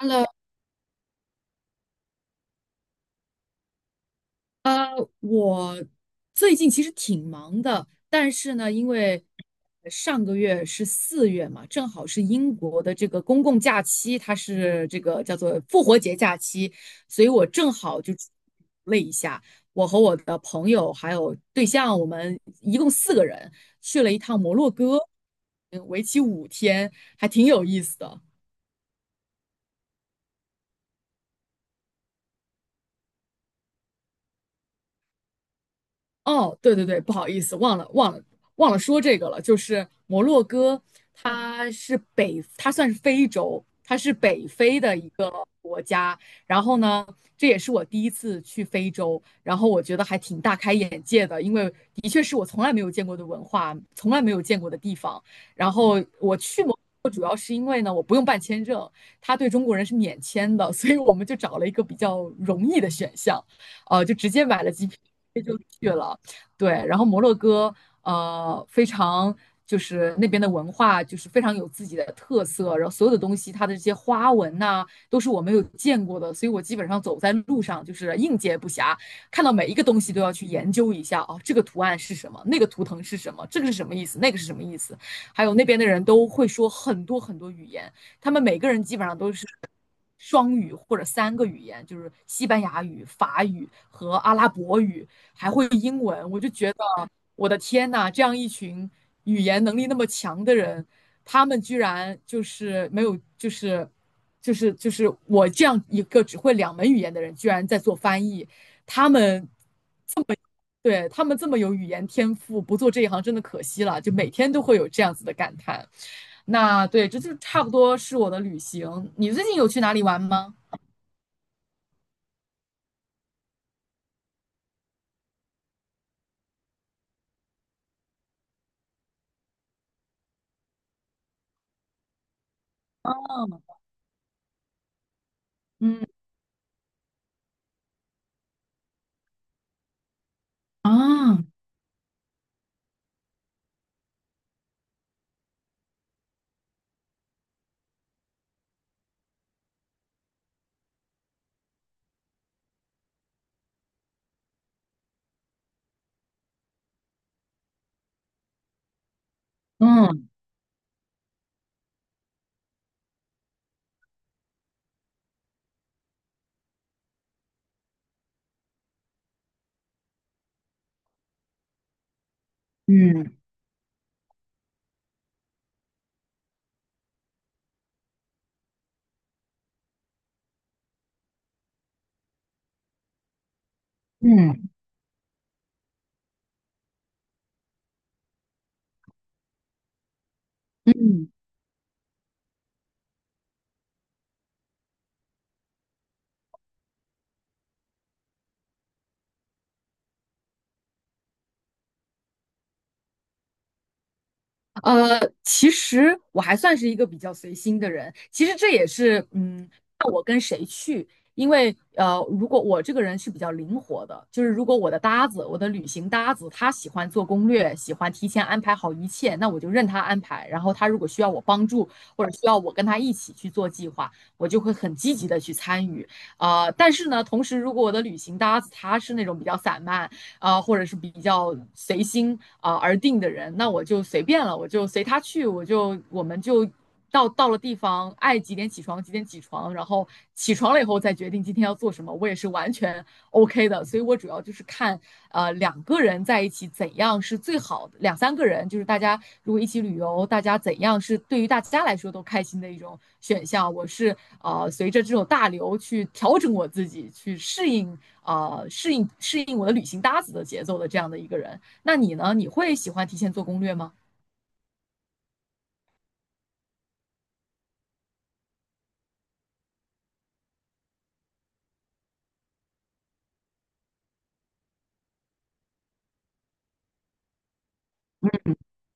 Hello，呃，我最近其实挺忙的，但是呢，因为上个月是四月嘛，正好是英国的这个公共假期，它是这个叫做复活节假期，所以我正好就了一下，我和我的朋友还有对象，我们一共四个人去了一趟摩洛哥，为期5天，还挺有意思的。哦，对对对，不好意思，忘了说这个了。就是摩洛哥，它算是非洲，它是北非的一个国家。然后呢，这也是我第一次去非洲，然后我觉得还挺大开眼界的，因为的确是我从来没有见过的文化，从来没有见过的地方。然后我去摩洛哥主要是因为呢，我不用办签证，他对中国人是免签的，所以我们就找了一个比较容易的选项，就直接买了机票就去了。对，然后摩洛哥非常，就是那边的文化就是非常有自己的特色，然后所有的东西它的这些花纹呐、都是我没有见过的，所以我基本上走在路上就是应接不暇，看到每一个东西都要去研究一下哦，这个图案是什么，那个图腾是什么，这个是什么意思，那个是什么意思，还有那边的人都会说很多很多语言，他们每个人基本上都是。双语或者三个语言，就是西班牙语、法语和阿拉伯语，我的天呐，这样一群语言能力那么强的人，他们居然就是没有，就是我这样一个只会两门语言的人，居然在做翻译，他们对他们这么有语言天赋，不做这一行真的可惜了，就每天都会有这样子的感叹。那对，这就差不多是我的旅行。你最近有去哪里玩吗？嗯嗯啊，嗯嗯嗯嗯。其实我还算是一个比较随心的人。其实这也是，嗯，看我跟谁去。因为，如果我这个人是比较灵活的，就是如果我的搭子，我的旅行搭子，他喜欢做攻略，喜欢提前安排好一切，那我就任他安排。然后他如果需要我帮助，或者需要我跟他一起去做计划，我就会很积极的去参与。但是呢，同时如果我的旅行搭子他是那种比较散漫，啊、或者是比较随心啊、而定的人，那我就随便了，我就随他去，我们就到了地方，爱几点起床几点起床，然后起床了以后再决定今天要做什么，我也是完全 OK 的。所以我主要就是看两个人在一起怎样是最好的，两三个人就是大家如果一起旅游，大家怎样是对于大家来说都开心的一种选项。我是随着这种大流去调整我自己，去适应我的旅行搭子的节奏的这样的一个人。那你呢？你会喜欢提前做攻略吗？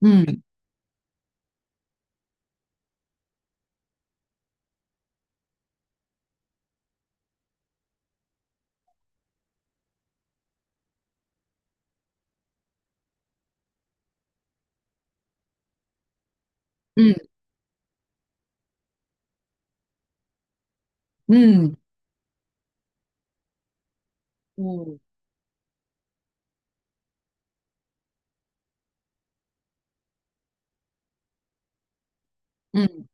嗯嗯嗯嗯嗯。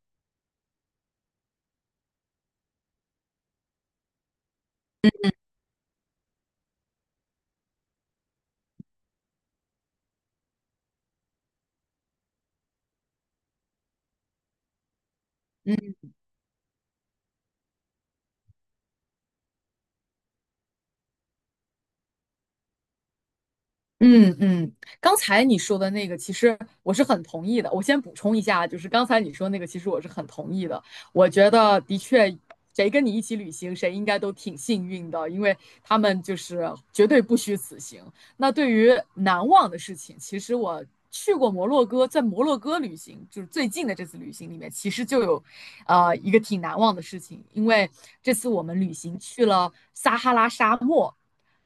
嗯嗯，刚才你说的那个，其实我是很同意的。我先补充一下，就是刚才你说那个，其实我是很同意的。我觉得的确，谁跟你一起旅行，谁应该都挺幸运的，因为他们就是绝对不虚此行。那对于难忘的事情，其实我去过摩洛哥，在摩洛哥旅行，就是最近的这次旅行里面，其实就有，一个挺难忘的事情，因为这次我们旅行去了撒哈拉沙漠。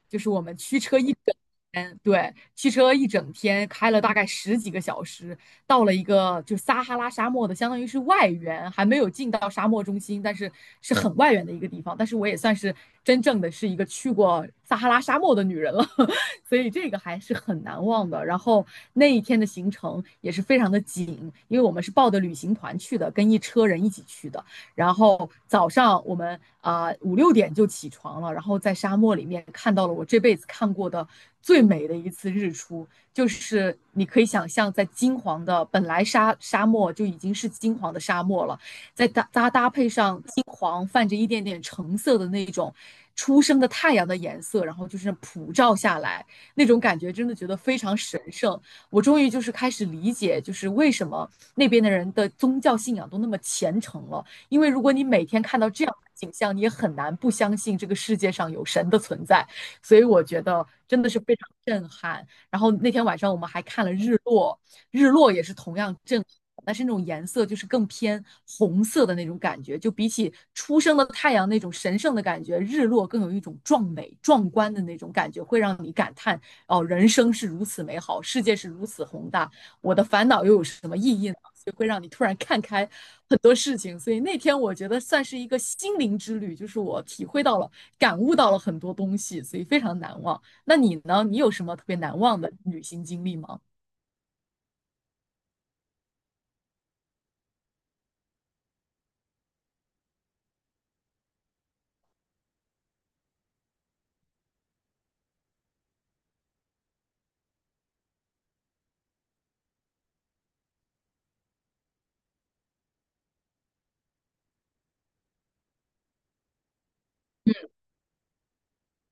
就是我们驱车嗯，对，汽车一整天开了大概十几个小时，到了一个就撒哈拉沙漠的，相当于是外缘，还没有进到沙漠中心，但是是很外缘的一个地方。但是我也算是真正的是一个去过撒哈拉沙漠的女人了，所以这个还是很难忘的。然后那一天的行程也是非常的紧，因为我们是抱着旅行团去的，跟一车人一起去的。然后早上我们啊5、6点就起床了，然后在沙漠里面看到了我这辈子看过的最美的一次日出，就是你可以想象，在金黄的本来沙沙漠就已经是金黄的沙漠了，再搭配上金黄泛着一点点橙色的那种初升的太阳的颜色，然后就是普照下来那种感觉，真的觉得非常神圣。我终于就是开始理解，就是为什么那边的人的宗教信仰都那么虔诚了。因为如果你每天看到这样的景象，你也很难不相信这个世界上有神的存在。所以我觉得真的是非常震撼。然后那天晚上我们还看了日落，日落也是同样震撼。但是那种颜色就是更偏红色的那种感觉，就比起初升的太阳那种神圣的感觉，日落更有一种壮美、壮观的那种感觉，会让你感叹哦，人生是如此美好，世界是如此宏大，我的烦恼又有什么意义呢？就会让你突然看开很多事情。所以那天我觉得算是一个心灵之旅，就是我体会到了、感悟到了很多东西，所以非常难忘。那你呢？你有什么特别难忘的旅行经历吗？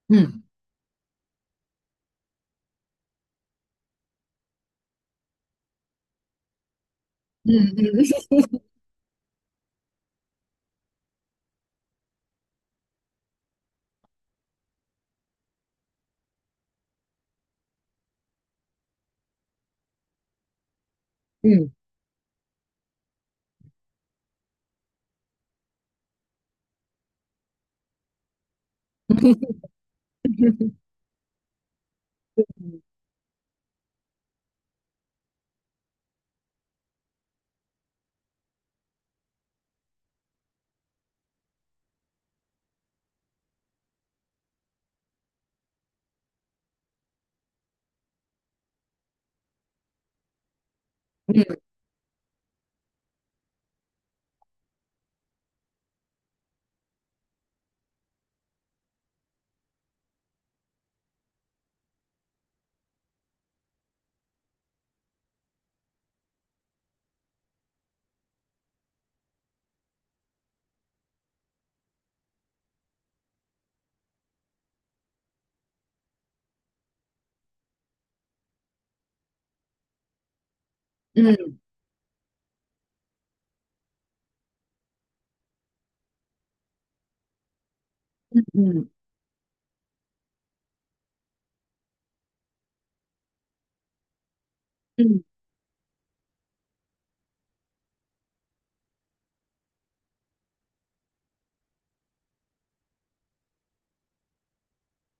嗯嗯嗯嗯嗯嗯嗯嗯。嗯嗯嗯嗯。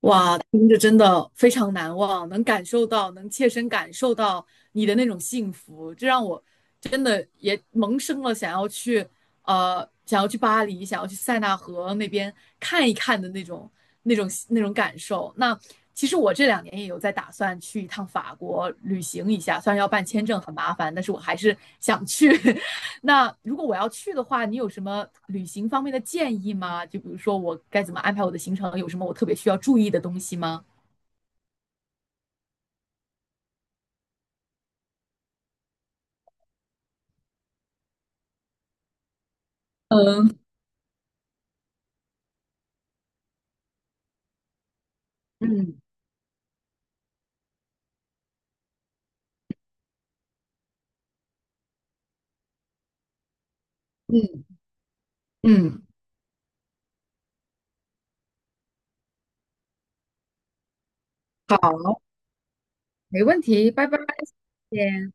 哇，听着真的非常难忘，能感受到，能切身感受到你的那种幸福，这让我真的也萌生了想要去，想要去巴黎，想要去塞纳河那边看一看的那种、那种、那种感受。那其实我这2年也有在打算去一趟法国旅行一下，虽然要办签证很麻烦，但是我还是想去。那如果我要去的话，你有什么旅行方面的建议吗？就比如说我该怎么安排我的行程，有什么我特别需要注意的东西吗？嗯嗯嗯嗯，好，没问题，拜拜，谢谢。